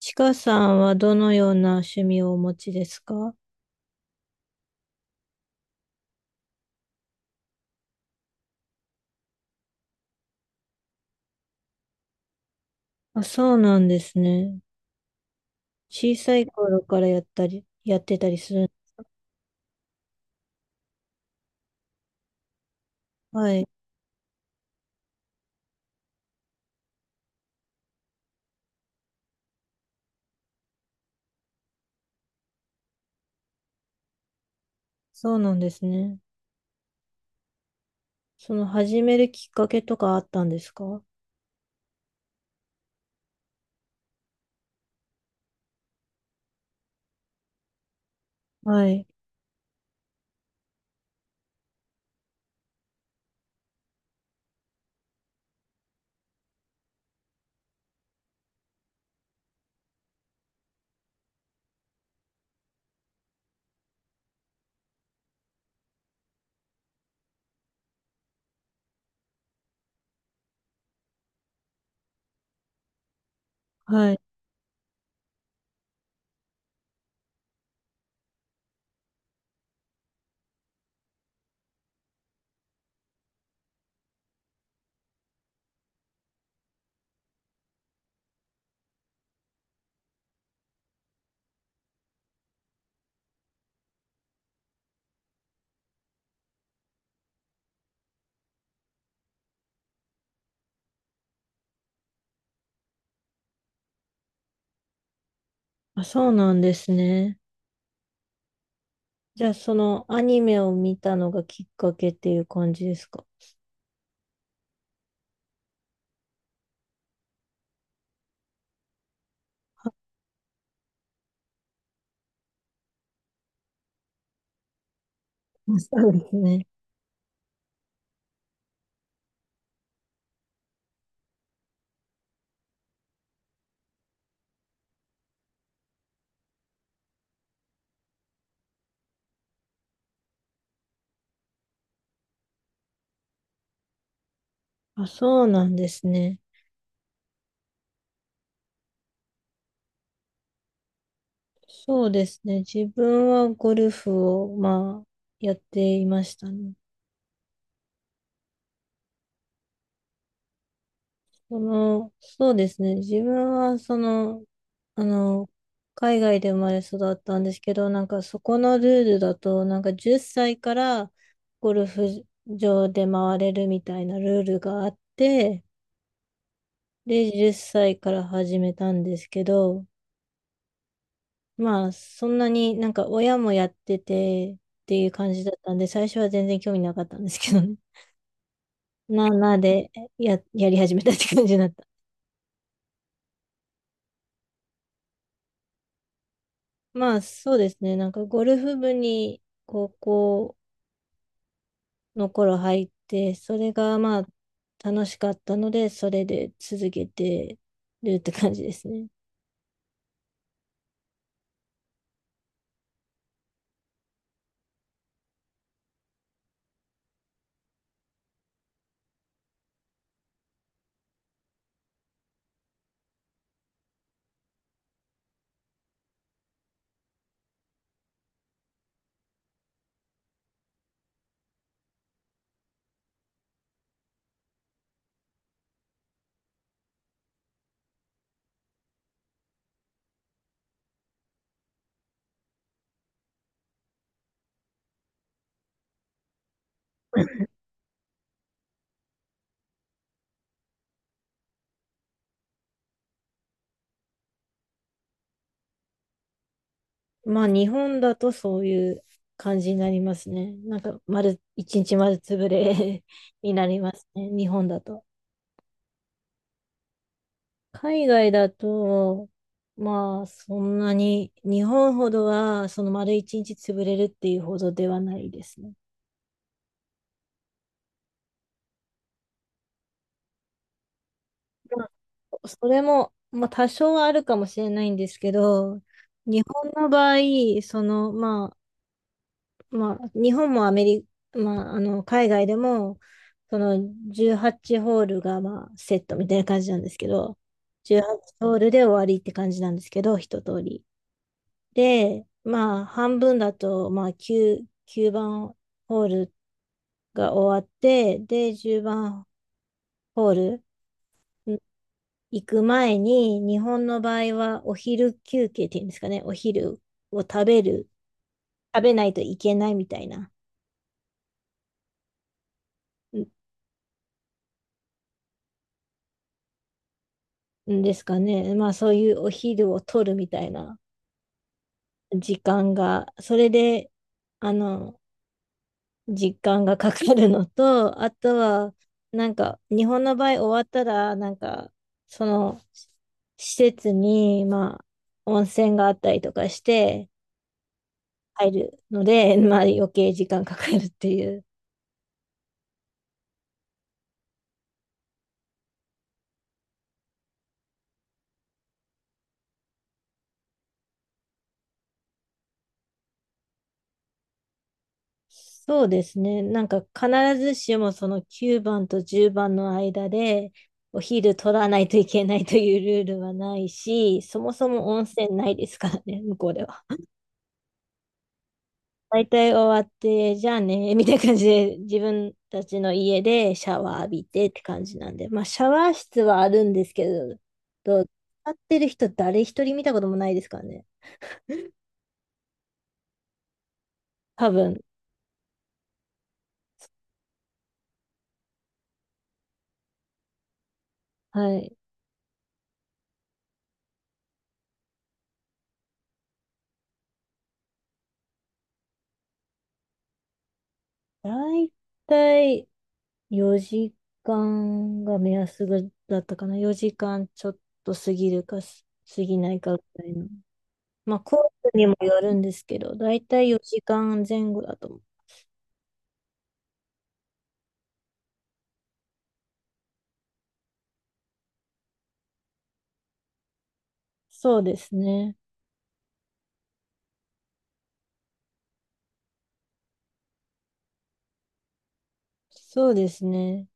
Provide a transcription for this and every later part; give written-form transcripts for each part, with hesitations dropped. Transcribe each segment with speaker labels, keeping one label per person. Speaker 1: ちかさんはどのような趣味をお持ちですか？あ、そうなんですね。小さい頃からやったり、やってたりする。はい。そうなんですね。その始めるきっかけとかあったんですか？はい。はい。あ、そうなんですね。じゃあ、そのアニメを見たのがきっかけっていう感じですか？あ、そうですね。あ、そうなんですね。そうですね。自分はゴルフを、まあ、やっていましたね。そうですね。自分は、あの、海外で生まれ育ったんですけど、なんかそこのルールだと、なんか10歳からゴルフ場で回れるみたいなルールがあって、で、10歳から始めたんですけど、まあ、そんなになんか親もやっててっていう感じだったんで、最初は全然興味なかったんですけどね。な、なで、やり始めたって感じだった。まあ、そうですね。なんかゴルフ部に高校の頃入って、それがまあ楽しかったので、それで続けてるって感じですね。まあ日本だとそういう感じになりますね。なんか一日丸潰れ になりますね。日本だと。海外だと、まあそんなに日本ほどはその丸一日潰れるっていうほどではないですね。まあそれも、まあ、多少はあるかもしれないんですけど、日本の場合、まあ、日本もアメリカ、海外でも、その18ホールが、まあ、セットみたいな感じなんですけど、18ホールで終わりって感じなんですけど、一通り。で、まあ、半分だと、まあ、9番ホールが終わって、で、10番ホール。行く前に、日本の場合はお昼休憩っていうんですかね、お昼を食べる、食べないといけないみたいな。んんですかね。まあそういうお昼を取るみたいな時間が、それで、あの、時間がかかるのと、あとは、なんか、日本の場合終わったら、なんか、その、施設に、まあ、温泉があったりとかして入るので、まあ余計時間かかるっていう。そうですね。なんか必ずしもその9番と10番の間でお昼取らないといけないというルールはないし、そもそも温泉ないですからね、向こうでは。大体終わって、じゃあね、みたいな感じで自分たちの家でシャワー浴びてって感じなんで、まあシャワー室はあるんですけど、どう使ってる人誰一人見たこともないですからね。多分。はい。大体4時間が目安ぐだったかな。4時間ちょっと過ぎるか過ぎないかぐらいの。まあ、コースにもよるんですけど、だいたい4時間前後だと思う。そうですね。そうですね。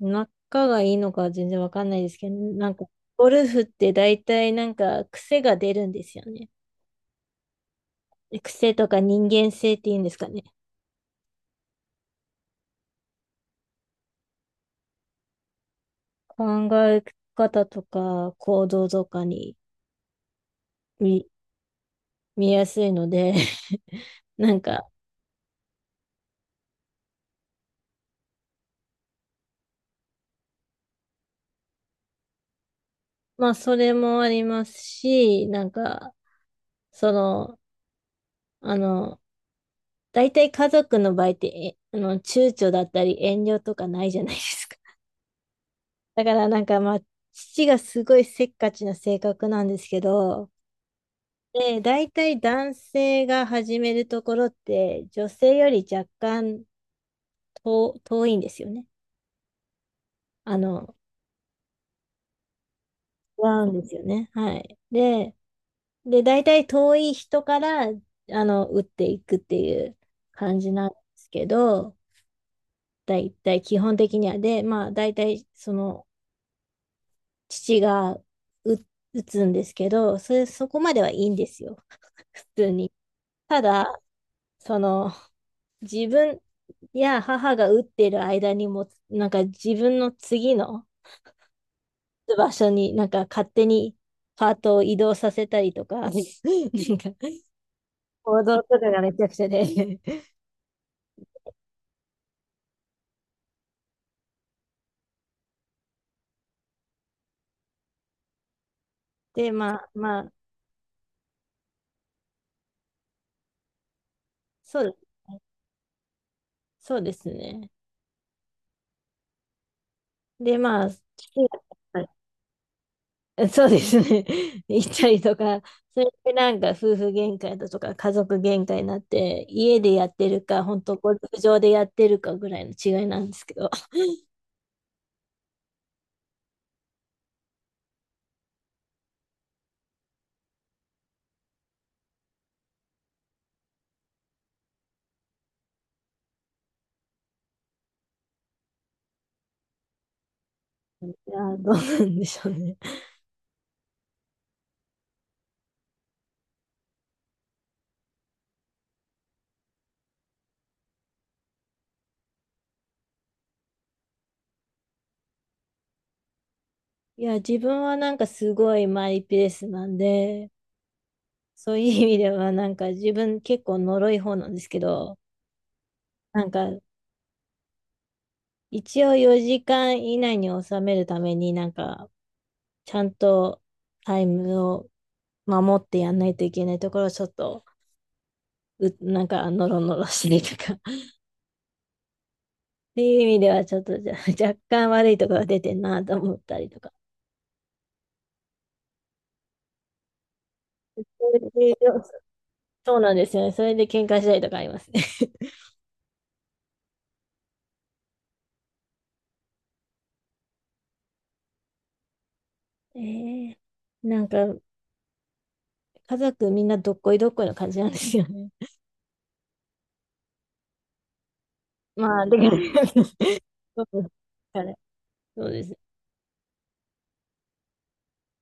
Speaker 1: 仲がいいのかは全然わかんないですけど、なんか、ゴルフってだいたいなんか癖が出るんですよね。癖とか人間性っていうんですかね。考え方とか行動とかに見、見やすいので なんか、まあ、それもありますし、なんか、その、あの、大体家族の場合って、えあの、躊躇だったり遠慮とかないじゃないですか。だからなんかまあ、父がすごいせっかちな性格なんですけど、で、大体男性が始めるところって、女性より若干遠いんですよね。あの、違うんですよね。はい。で、大体遠い人から、あの、打っていくっていう感じなんですけど、大体基本的には。で、まあ、大体、その、父が打、打つんですけど、そこまではいいんですよ。普通に。ただ、その、自分や母が打ってる間にも、なんか自分の次の場所になんか勝手にパートを移動させたりとか、なんか、行動とかがめちゃくちゃで。で、まあ、そうですね。そうですね。で、まあ、父がやっぱり そうですね。行ったりとか、それでなんか夫婦喧嘩だとか家族喧嘩になって、家でやってるか、本当ゴルフ場でやってるかぐらいの違いなんですけど。いやー、どうなんでしょうね。いや、自分はなんかすごいマイペースなんで、そういう意味ではなんか自分結構呪い方なんですけど、なんか一応4時間以内に収めるためになんかちゃんとタイムを守ってやんないといけないところをちょっと、なんか、ノロノロしてるとか、っていう意味では、ちょっと若干悪いところが出てんなと思ったりとか。そういうそうなんですよね。それで喧嘩したりとかありますね。えー、なんか、家族みんなどっこいどっこいの感じなんですよね。まあ、できる。そうあれそうです。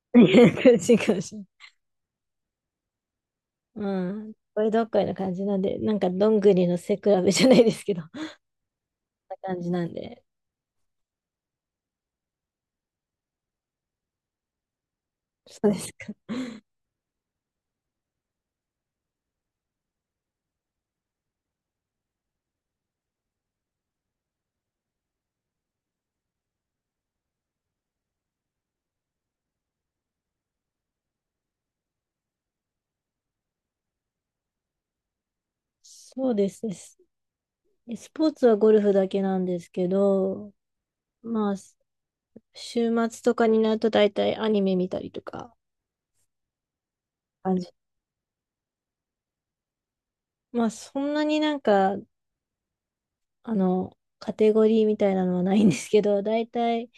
Speaker 1: 感じかもしれない。うん。どっこいどっこいの感じなんで、なんか、どんぐりの背比べじゃないですけど。な感じなんで。そうですか。そうですね。スポーツはゴルフだけなんですけど、まあ、週末とかになると大体アニメ見たりとか、感じ。まあ、そんなになんか、あの、カテゴリーみたいなのはないんですけど、大体、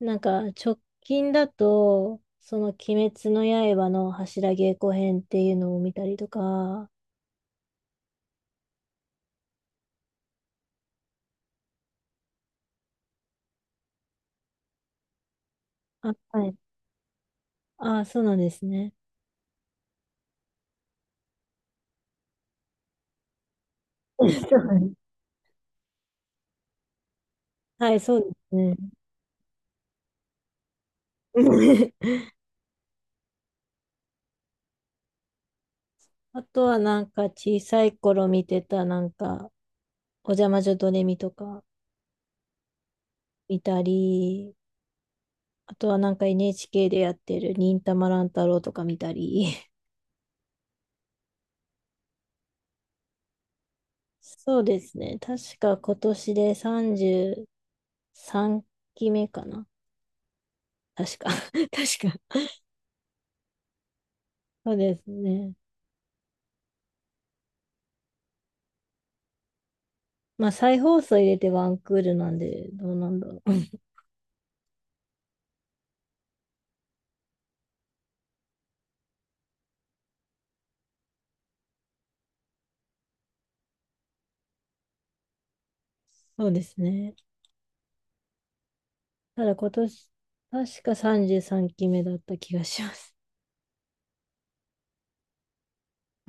Speaker 1: なんか、直近だと、その、鬼滅の刃の柱稽古編っていうのを見たりとか、あ、はい。あ、そうなんですね。そうなんです。はい、そうですね。あとはなんか小さい頃見てたなんか、おじゃ魔女ドレミとか見たり、あとはなんか NHK でやってる忍たま乱太郎とか見たり。そうですね。確か今年で33期目かな。確か。確か。そうですね。まあ再放送入れてワンクールなんで、どうなんだろう。そうですね。ただ今年、確か33期目だった気がします。